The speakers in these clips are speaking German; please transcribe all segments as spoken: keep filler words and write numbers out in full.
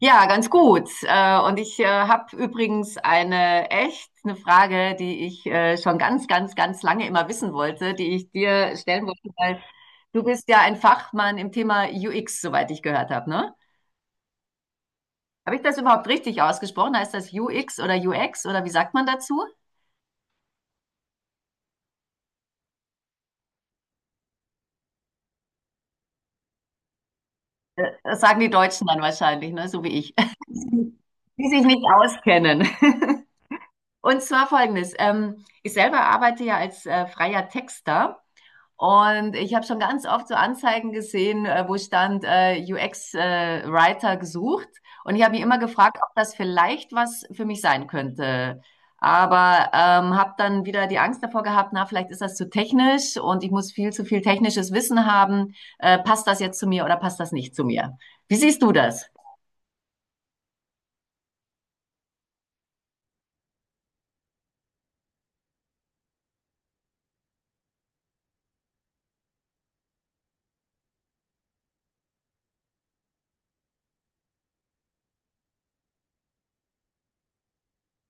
Ja, ganz gut. Äh, Und ich habe übrigens eine echt eine Frage, die ich äh, schon ganz, ganz, ganz lange immer wissen wollte, die ich dir stellen wollte, weil du bist ja ein Fachmann im Thema U X, soweit ich gehört habe, ne? Habe ich das überhaupt richtig ausgesprochen? Heißt das U X oder U X oder wie sagt man dazu? Das sagen die Deutschen dann wahrscheinlich, ne? So wie ich, die sich nicht auskennen. Und zwar folgendes. Ähm, ich selber arbeite ja als äh, freier Texter. Und ich habe schon ganz oft so Anzeigen gesehen, äh, wo stand äh, U X-Writer gesucht. Und ich habe mich immer gefragt, ob das vielleicht was für mich sein könnte. Aber ähm, habe dann wieder die Angst davor gehabt, na, vielleicht ist das zu technisch und ich muss viel zu viel technisches Wissen haben. Äh, passt das jetzt zu mir oder passt das nicht zu mir? Wie siehst du das?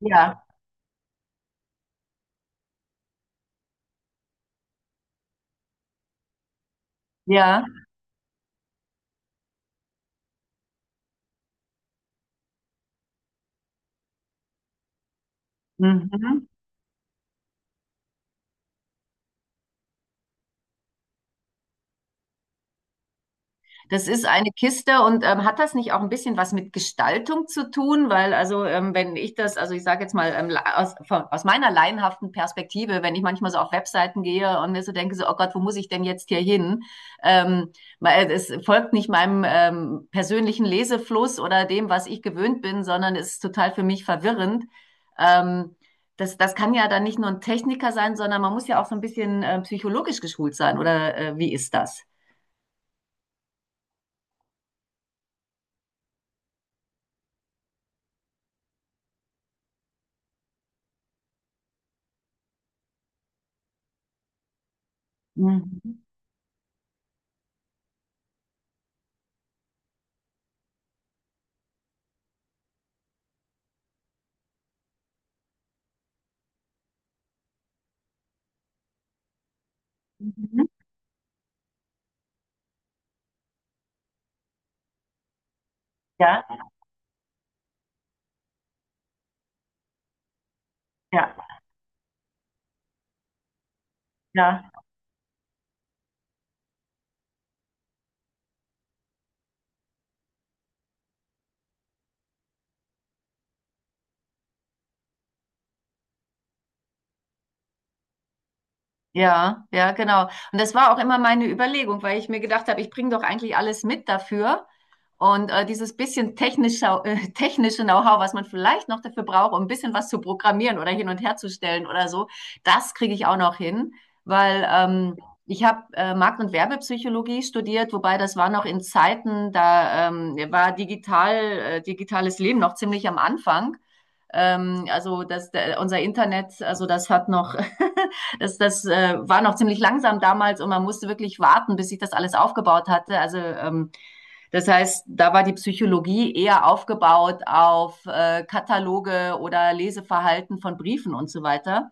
Ja, ja. Mhm. Das ist eine Kiste und ähm, hat das nicht auch ein bisschen was mit Gestaltung zu tun? Weil also ähm, wenn ich das, also ich sage jetzt mal ähm, aus, von, aus meiner laienhaften Perspektive, wenn ich manchmal so auf Webseiten gehe und mir so denke, so, oh Gott, wo muss ich denn jetzt hier hin? Ähm, weil es folgt nicht meinem ähm, persönlichen Lesefluss oder dem, was ich gewöhnt bin, sondern es ist total für mich verwirrend. Ähm, das, das kann ja dann nicht nur ein Techniker sein, sondern man muss ja auch so ein bisschen äh, psychologisch geschult sein. Oder äh, wie ist das? Mhm. Mhm. Ja, ja, ja, ja, ja, genau. Und das war auch immer meine Überlegung, weil ich mir gedacht habe, ich bringe doch eigentlich alles mit dafür. Und äh, dieses bisschen technische, äh, technische Know-how, was man vielleicht noch dafür braucht, um ein bisschen was zu programmieren oder hin und her zu stellen oder so, das kriege ich auch noch hin, weil ähm, ich habe äh, Markt- und Werbepsychologie studiert, wobei das war noch in Zeiten, da ähm, war digital, äh, digitales Leben noch ziemlich am Anfang. Ähm, also das, der, unser Internet, also das hat noch, das, das äh, war noch ziemlich langsam damals und man musste wirklich warten, bis ich das alles aufgebaut hatte. Also ähm, das heißt, da war die Psychologie eher aufgebaut auf äh, Kataloge oder Leseverhalten von Briefen und so weiter.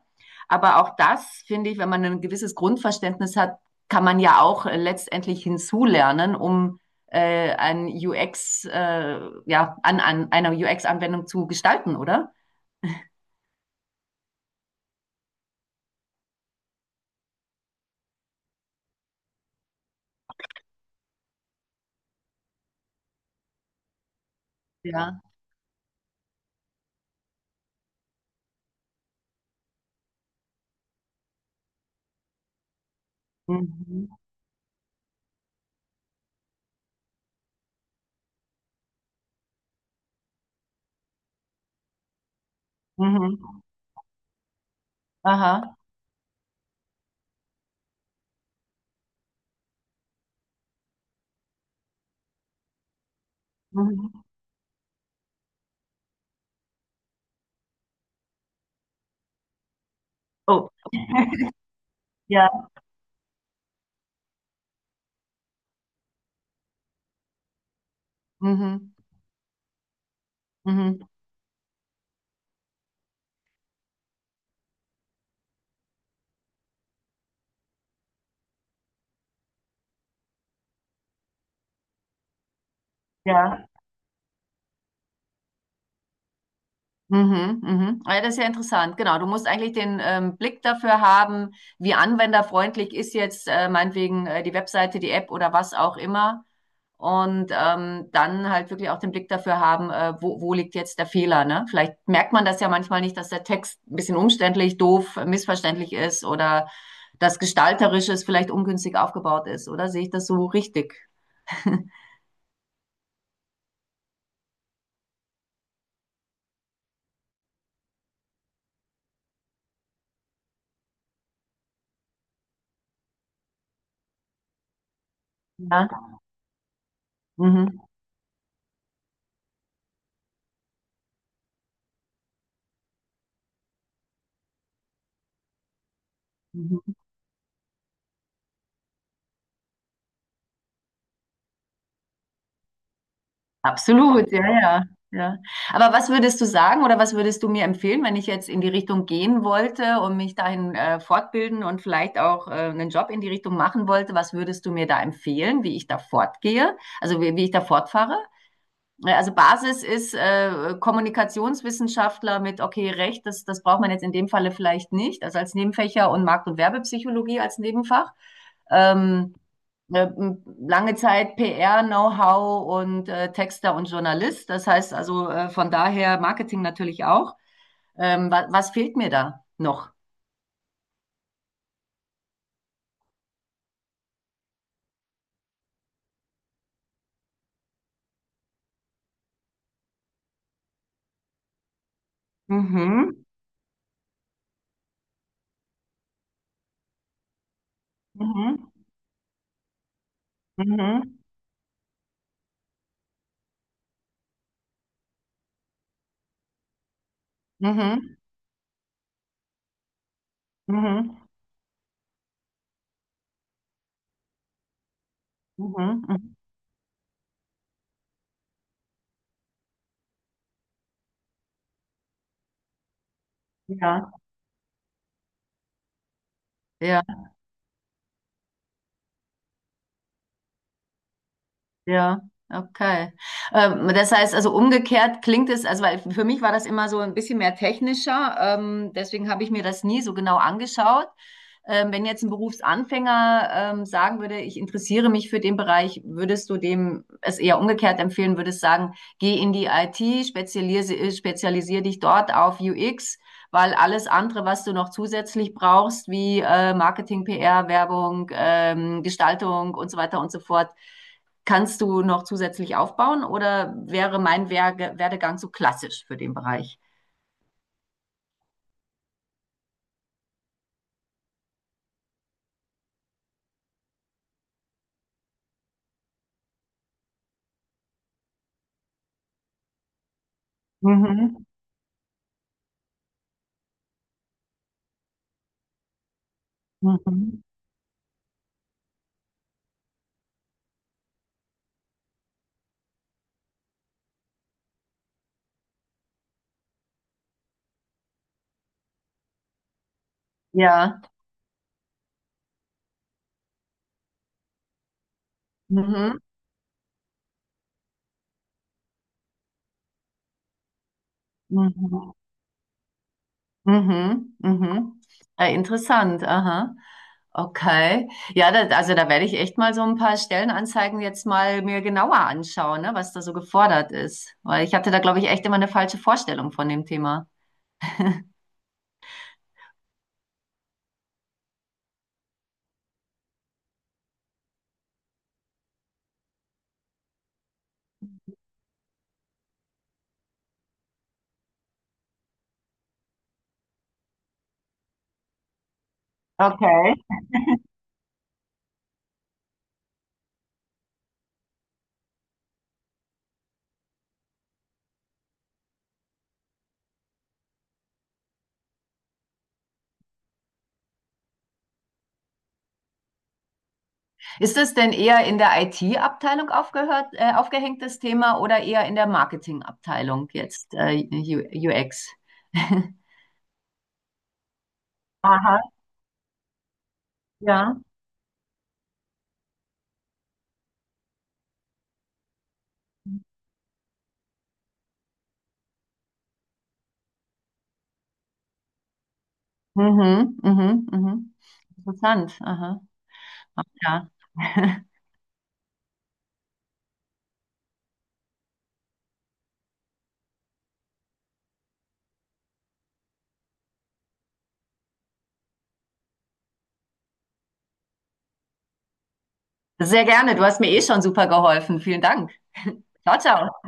Aber auch das, finde ich, wenn man ein gewisses Grundverständnis hat, kann man ja auch äh, letztendlich hinzulernen, um äh, ein U X, äh, ja, an, an einer U X-Anwendung zu gestalten, oder? Ja. Mhm. Mhm. Aha. Mhm. Oh, ja. Mhm. Mhm. Ja. Mhm, mhm. Ah Ja, das ist ja interessant. Genau, du musst eigentlich den ähm, Blick dafür haben, wie anwenderfreundlich ist jetzt äh, meinetwegen äh, die Webseite, die App oder was auch immer. Und ähm, dann halt wirklich auch den Blick dafür haben, äh, wo, wo liegt jetzt der Fehler, ne? Vielleicht merkt man das ja manchmal nicht, dass der Text ein bisschen umständlich, doof, missverständlich ist oder das Gestalterische ist vielleicht ungünstig aufgebaut ist, oder? Sehe ich das so richtig? Ja. Mhm. Mhm. Absolut, ja, ja, ja. Aber was würdest du sagen oder was würdest du mir empfehlen, wenn ich jetzt in die Richtung gehen wollte und mich dahin äh, fortbilden und vielleicht auch äh, einen Job in die Richtung machen wollte? Was würdest du mir da empfehlen, wie ich da fortgehe? Also wie, wie ich da fortfahre? Ne, also Basis ist äh, Kommunikationswissenschaftler mit, okay, Recht, das, das braucht man jetzt in dem Falle vielleicht nicht, also als Nebenfächer und Markt- und Werbepsychologie als Nebenfach. Ähm, äh, lange Zeit P R-Know-how und äh, Texter und Journalist. Das heißt also äh, von daher Marketing natürlich auch. Ähm, wa was fehlt mir da noch? Mhm. Mhm. Mhm. Mhm. Mhm. Mhm. Mhm. Mhm. Ja. Ja. Ja, okay. Ähm, das heißt also umgekehrt klingt es, also weil für mich war das immer so ein bisschen mehr technischer, ähm, deswegen habe ich mir das nie so genau angeschaut. Ähm, wenn jetzt ein Berufsanfänger ähm, sagen würde, ich interessiere mich für den Bereich, würdest du dem es eher umgekehrt empfehlen, würdest sagen, geh in die I T, spezialisiere, spezialisiere dich dort auf U X, weil alles andere, was du noch zusätzlich brauchst, wie äh, Marketing, P R, Werbung, ähm, Gestaltung und so weiter und so fort, kannst du noch zusätzlich aufbauen oder wäre mein Werge Werdegang so klassisch für den Bereich? Mhm. Mhm. Ja. Mhm. Mhm. Mhm. Mhm. Äh, interessant. Aha. Okay. Ja, da, also da werde ich echt mal so ein paar Stellenanzeigen jetzt mal mir genauer anschauen, ne, was da so gefordert ist. Weil ich hatte da, glaube ich, echt immer eine falsche Vorstellung von dem Thema. Okay. Ist es denn eher in der I T-Abteilung aufgehört, äh, aufgehängt, das Thema oder eher in der Marketing-Abteilung jetzt, äh, U- UX? Aha, ja. Mhm, mhm, mhm. Interessant. Aha, ja. Sehr gerne. Du hast mir eh schon super geholfen. Vielen Dank. Ciao, ciao.